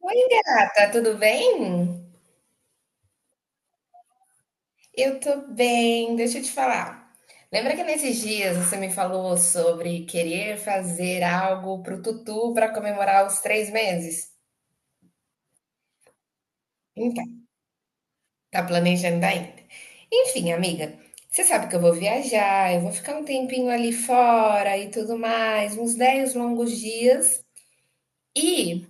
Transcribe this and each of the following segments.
Oi, gata, tudo bem? Eu tô bem, deixa eu te falar. Lembra que nesses dias você me falou sobre querer fazer algo pro Tutu para comemorar os 3 meses? Então, tá planejando ainda. Enfim, amiga, você sabe que eu vou viajar, eu vou ficar um tempinho ali fora e tudo mais, uns 10 longos dias. E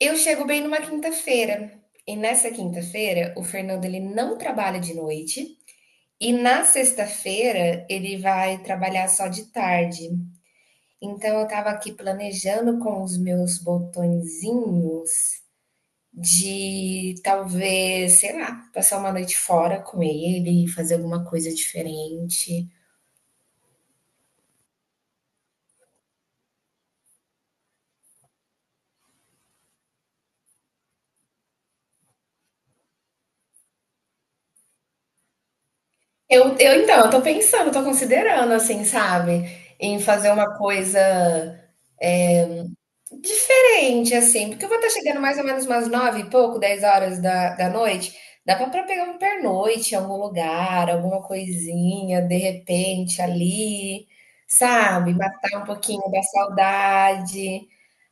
eu chego bem numa quinta-feira. E nessa quinta-feira, o Fernando ele não trabalha de noite. E na sexta-feira ele vai trabalhar só de tarde. Então eu estava aqui planejando com os meus botõezinhos de talvez, sei lá, passar uma noite fora com ele, fazer alguma coisa diferente. Eu então, eu tô pensando, tô considerando, assim, sabe? Em fazer uma coisa diferente, assim, porque eu vou estar chegando mais ou menos umas 9 e pouco, 10 horas da noite. Dá pra pegar um pernoite em algum lugar, alguma coisinha, de repente, ali, sabe? Matar um pouquinho da saudade.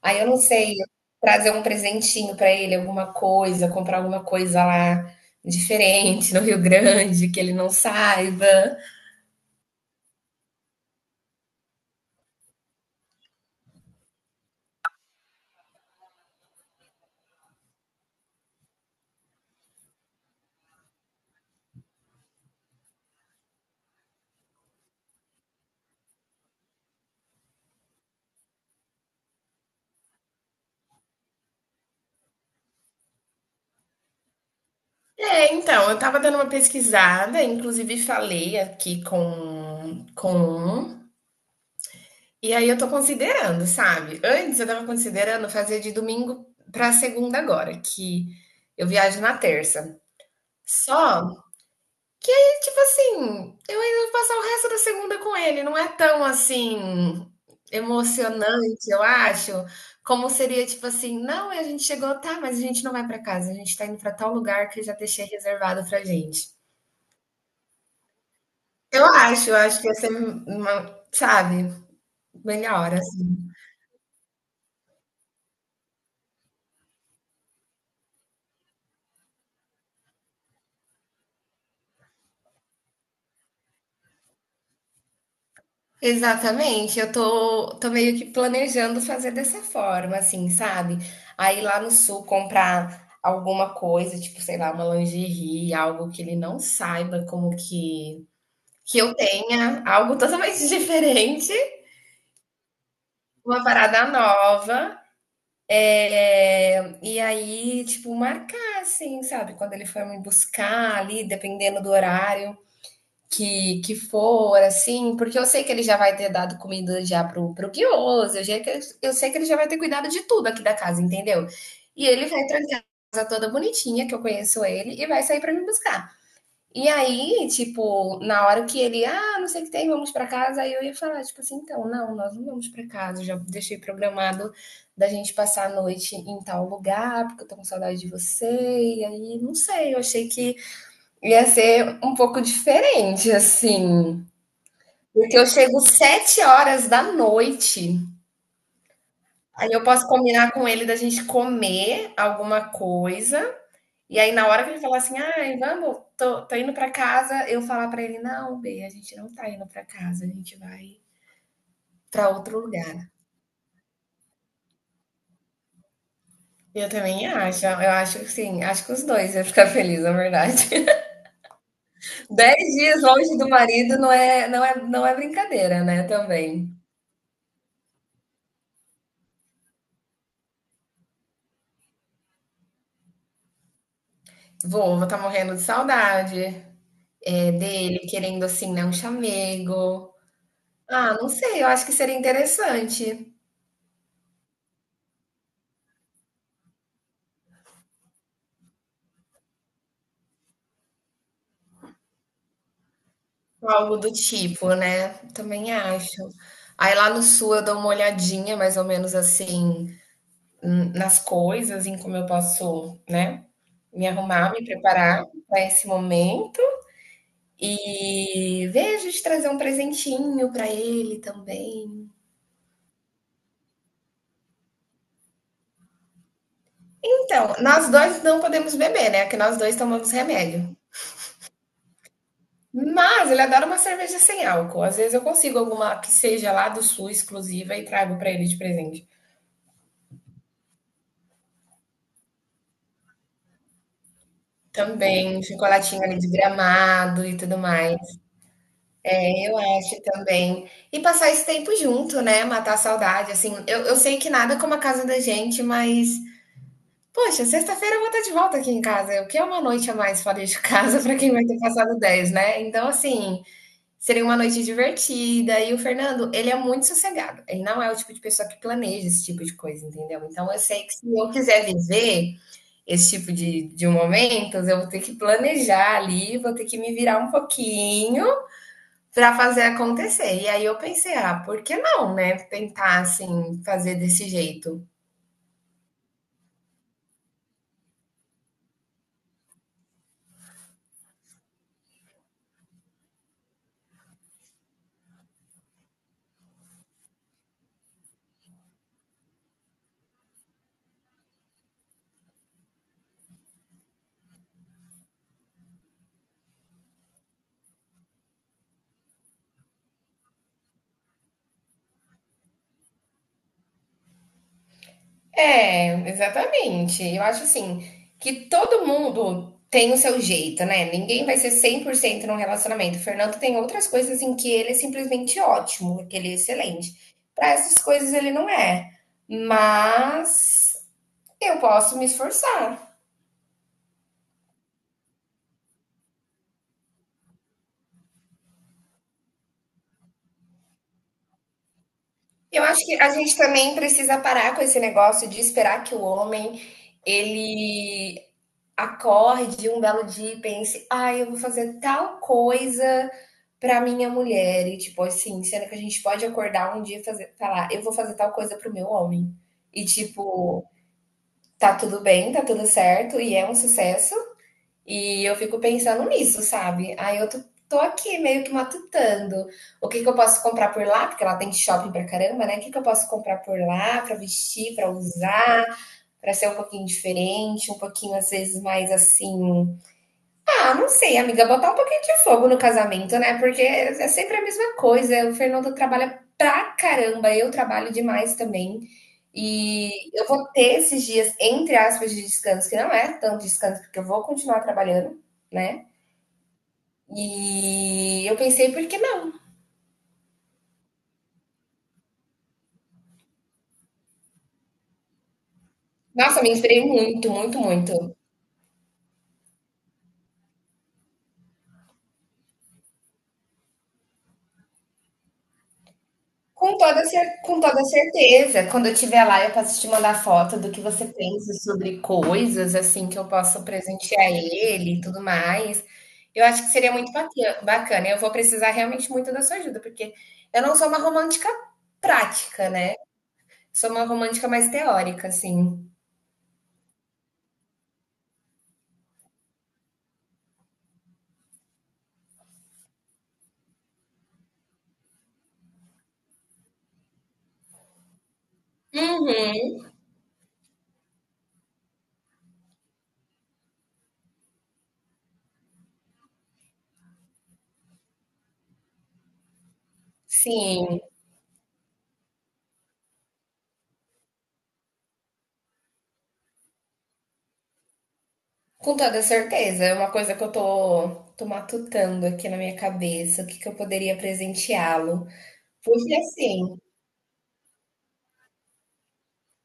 Aí eu não sei, trazer um presentinho pra ele, alguma coisa, comprar alguma coisa lá diferente no Rio Grande, que ele não saiba. É, então, eu tava dando uma pesquisada, inclusive falei aqui com um. E aí eu tô considerando, sabe? Antes eu tava considerando fazer de domingo pra segunda agora, que eu viajo na terça. Só que aí, tipo assim, eu ainda vou passar o resto da segunda com ele. Não é tão assim emocionante, eu acho, como seria tipo assim, não, a gente chegou, tá, mas a gente não vai pra casa, a gente tá indo pra tal lugar que eu já deixei reservado pra gente. Eu acho que ia ser uma, sabe, melhor. Exatamente, eu tô meio que planejando fazer dessa forma, assim, sabe? Aí lá no sul comprar alguma coisa, tipo, sei lá, uma lingerie, algo que ele não saiba como que eu tenha, algo totalmente diferente, uma parada nova. É, e aí, tipo, marcar, assim, sabe? Quando ele for me buscar ali, dependendo do horário. Que for, assim, porque eu sei que ele já vai ter dado comida já pro Guioso, eu sei que ele já vai ter cuidado de tudo aqui da casa, entendeu? E ele vai trancar a casa toda bonitinha, que eu conheço ele, e vai sair pra me buscar. E aí, tipo, na hora que ele, ah, não sei o que tem, vamos pra casa, aí eu ia falar, tipo assim, então, não, nós não vamos pra casa, eu já deixei programado da gente passar a noite em tal lugar, porque eu tô com saudade de você, e aí, não sei, eu achei que ia ser um pouco diferente, assim, porque eu chego 7 horas da noite, aí eu posso combinar com ele da gente comer alguma coisa, e aí na hora que ele falar assim: "Ai, vamos, tô indo pra casa", eu falar pra ele: "Não, bê, a gente não tá indo pra casa, a gente vai pra outro lugar". Eu também acho, eu acho que sim, acho que os 2 iam ficar feliz, na verdade. 10 dias longe do marido não é brincadeira, né, também. Vou estar morrendo de saudade. É, dele querendo, assim, né, um chamego. Ah, não sei, eu acho que seria interessante, algo do tipo, né, também acho. Aí lá no sul eu dou uma olhadinha mais ou menos assim, nas coisas, em como eu posso, né, me arrumar, me preparar para esse momento e vejo de trazer um presentinho para ele também. Então, nós dois não podemos beber, né, que nós 2 tomamos remédio. Mas ele adora uma cerveja sem álcool. Às vezes eu consigo alguma que seja lá do Sul exclusiva e trago para ele de presente. Também, um chocolatinho ali de Gramado e tudo mais. É, eu acho também. E passar esse tempo junto, né? Matar a saudade. Assim, eu sei que nada como a casa da gente, mas, poxa, sexta-feira eu vou estar de volta aqui em casa. O que é uma noite a mais fora de casa para quem vai ter passado 10, né? Então, assim, seria uma noite divertida. E o Fernando, ele é muito sossegado. Ele não é o tipo de pessoa que planeja esse tipo de coisa, entendeu? Então eu sei que se eu quiser viver esse tipo de momentos, eu vou ter que planejar ali, vou ter que me virar um pouquinho para fazer acontecer. E aí eu pensei, ah, por que não, né? Tentar assim fazer desse jeito. É, exatamente. Eu acho assim, que todo mundo tem o seu jeito, né? Ninguém vai ser 100% num relacionamento. O Fernando tem outras coisas em que ele é simplesmente ótimo, que ele é excelente. Para essas coisas ele não é. Mas eu posso me esforçar. Eu acho que a gente também precisa parar com esse negócio de esperar que o homem ele acorde um belo dia e pense: "Ai, eu vou fazer tal coisa pra minha mulher", e tipo assim, sendo que a gente pode acordar um dia e fazer falar: "Eu vou fazer tal coisa para o meu homem". E tipo, tá tudo bem, tá tudo certo e é um sucesso, e eu fico pensando nisso, sabe. Aí eu tô aqui meio que matutando, o que que eu posso comprar por lá, porque lá tem shopping pra caramba, né. O que que eu posso comprar por lá pra vestir, pra usar, pra ser um pouquinho diferente, um pouquinho às vezes mais assim, ah, não sei, amiga, botar um pouquinho de fogo no casamento, né? Porque é sempre a mesma coisa. O Fernando trabalha pra caramba, eu trabalho demais também. E eu vou ter esses dias, entre aspas, de descanso, que não é tanto descanso, porque eu vou continuar trabalhando, né? E eu pensei, por que não? Nossa, me inspirei muito, muito, muito. Com toda certeza. Quando eu estiver lá, eu posso te mandar foto do que você pensa sobre coisas, assim, que eu posso presentear ele e tudo mais. Eu acho que seria muito bacana. Eu vou precisar realmente muito da sua ajuda, porque eu não sou uma romântica prática, né? Sou uma romântica mais teórica, assim. Uhum, sim, com toda certeza. É uma coisa que eu tô matutando aqui na minha cabeça, o que que eu poderia presenteá-lo. Porque assim.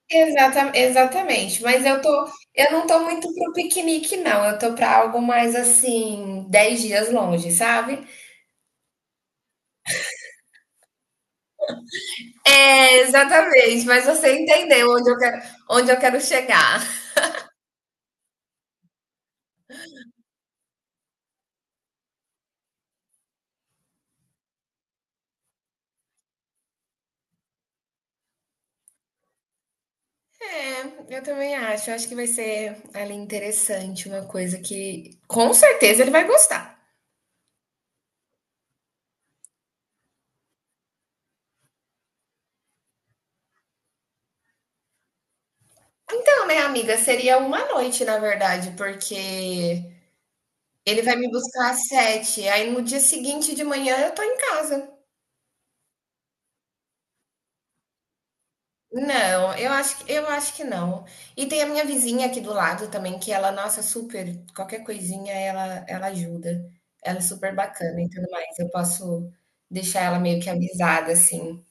Exatamente, mas eu não tô muito pro piquenique não, eu tô para algo mais, assim, 10 dias longe, sabe. É, exatamente, mas você entendeu onde eu quero chegar. É, eu também acho, eu acho que vai ser ali interessante, uma coisa que com certeza ele vai gostar. Então, né, amiga, seria uma noite, na verdade, porque ele vai me buscar às 7, aí no dia seguinte de manhã eu tô em casa. Não, eu acho que não. E tem a minha vizinha aqui do lado também, que ela, nossa, super, qualquer coisinha ela ajuda. Ela é super bacana e tudo mais. Eu posso deixar ela meio que avisada, assim.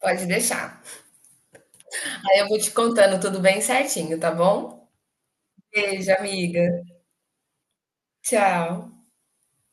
Pode deixar. Aí eu vou te contando tudo bem certinho, tá bom? Beijo, amiga. Tchau.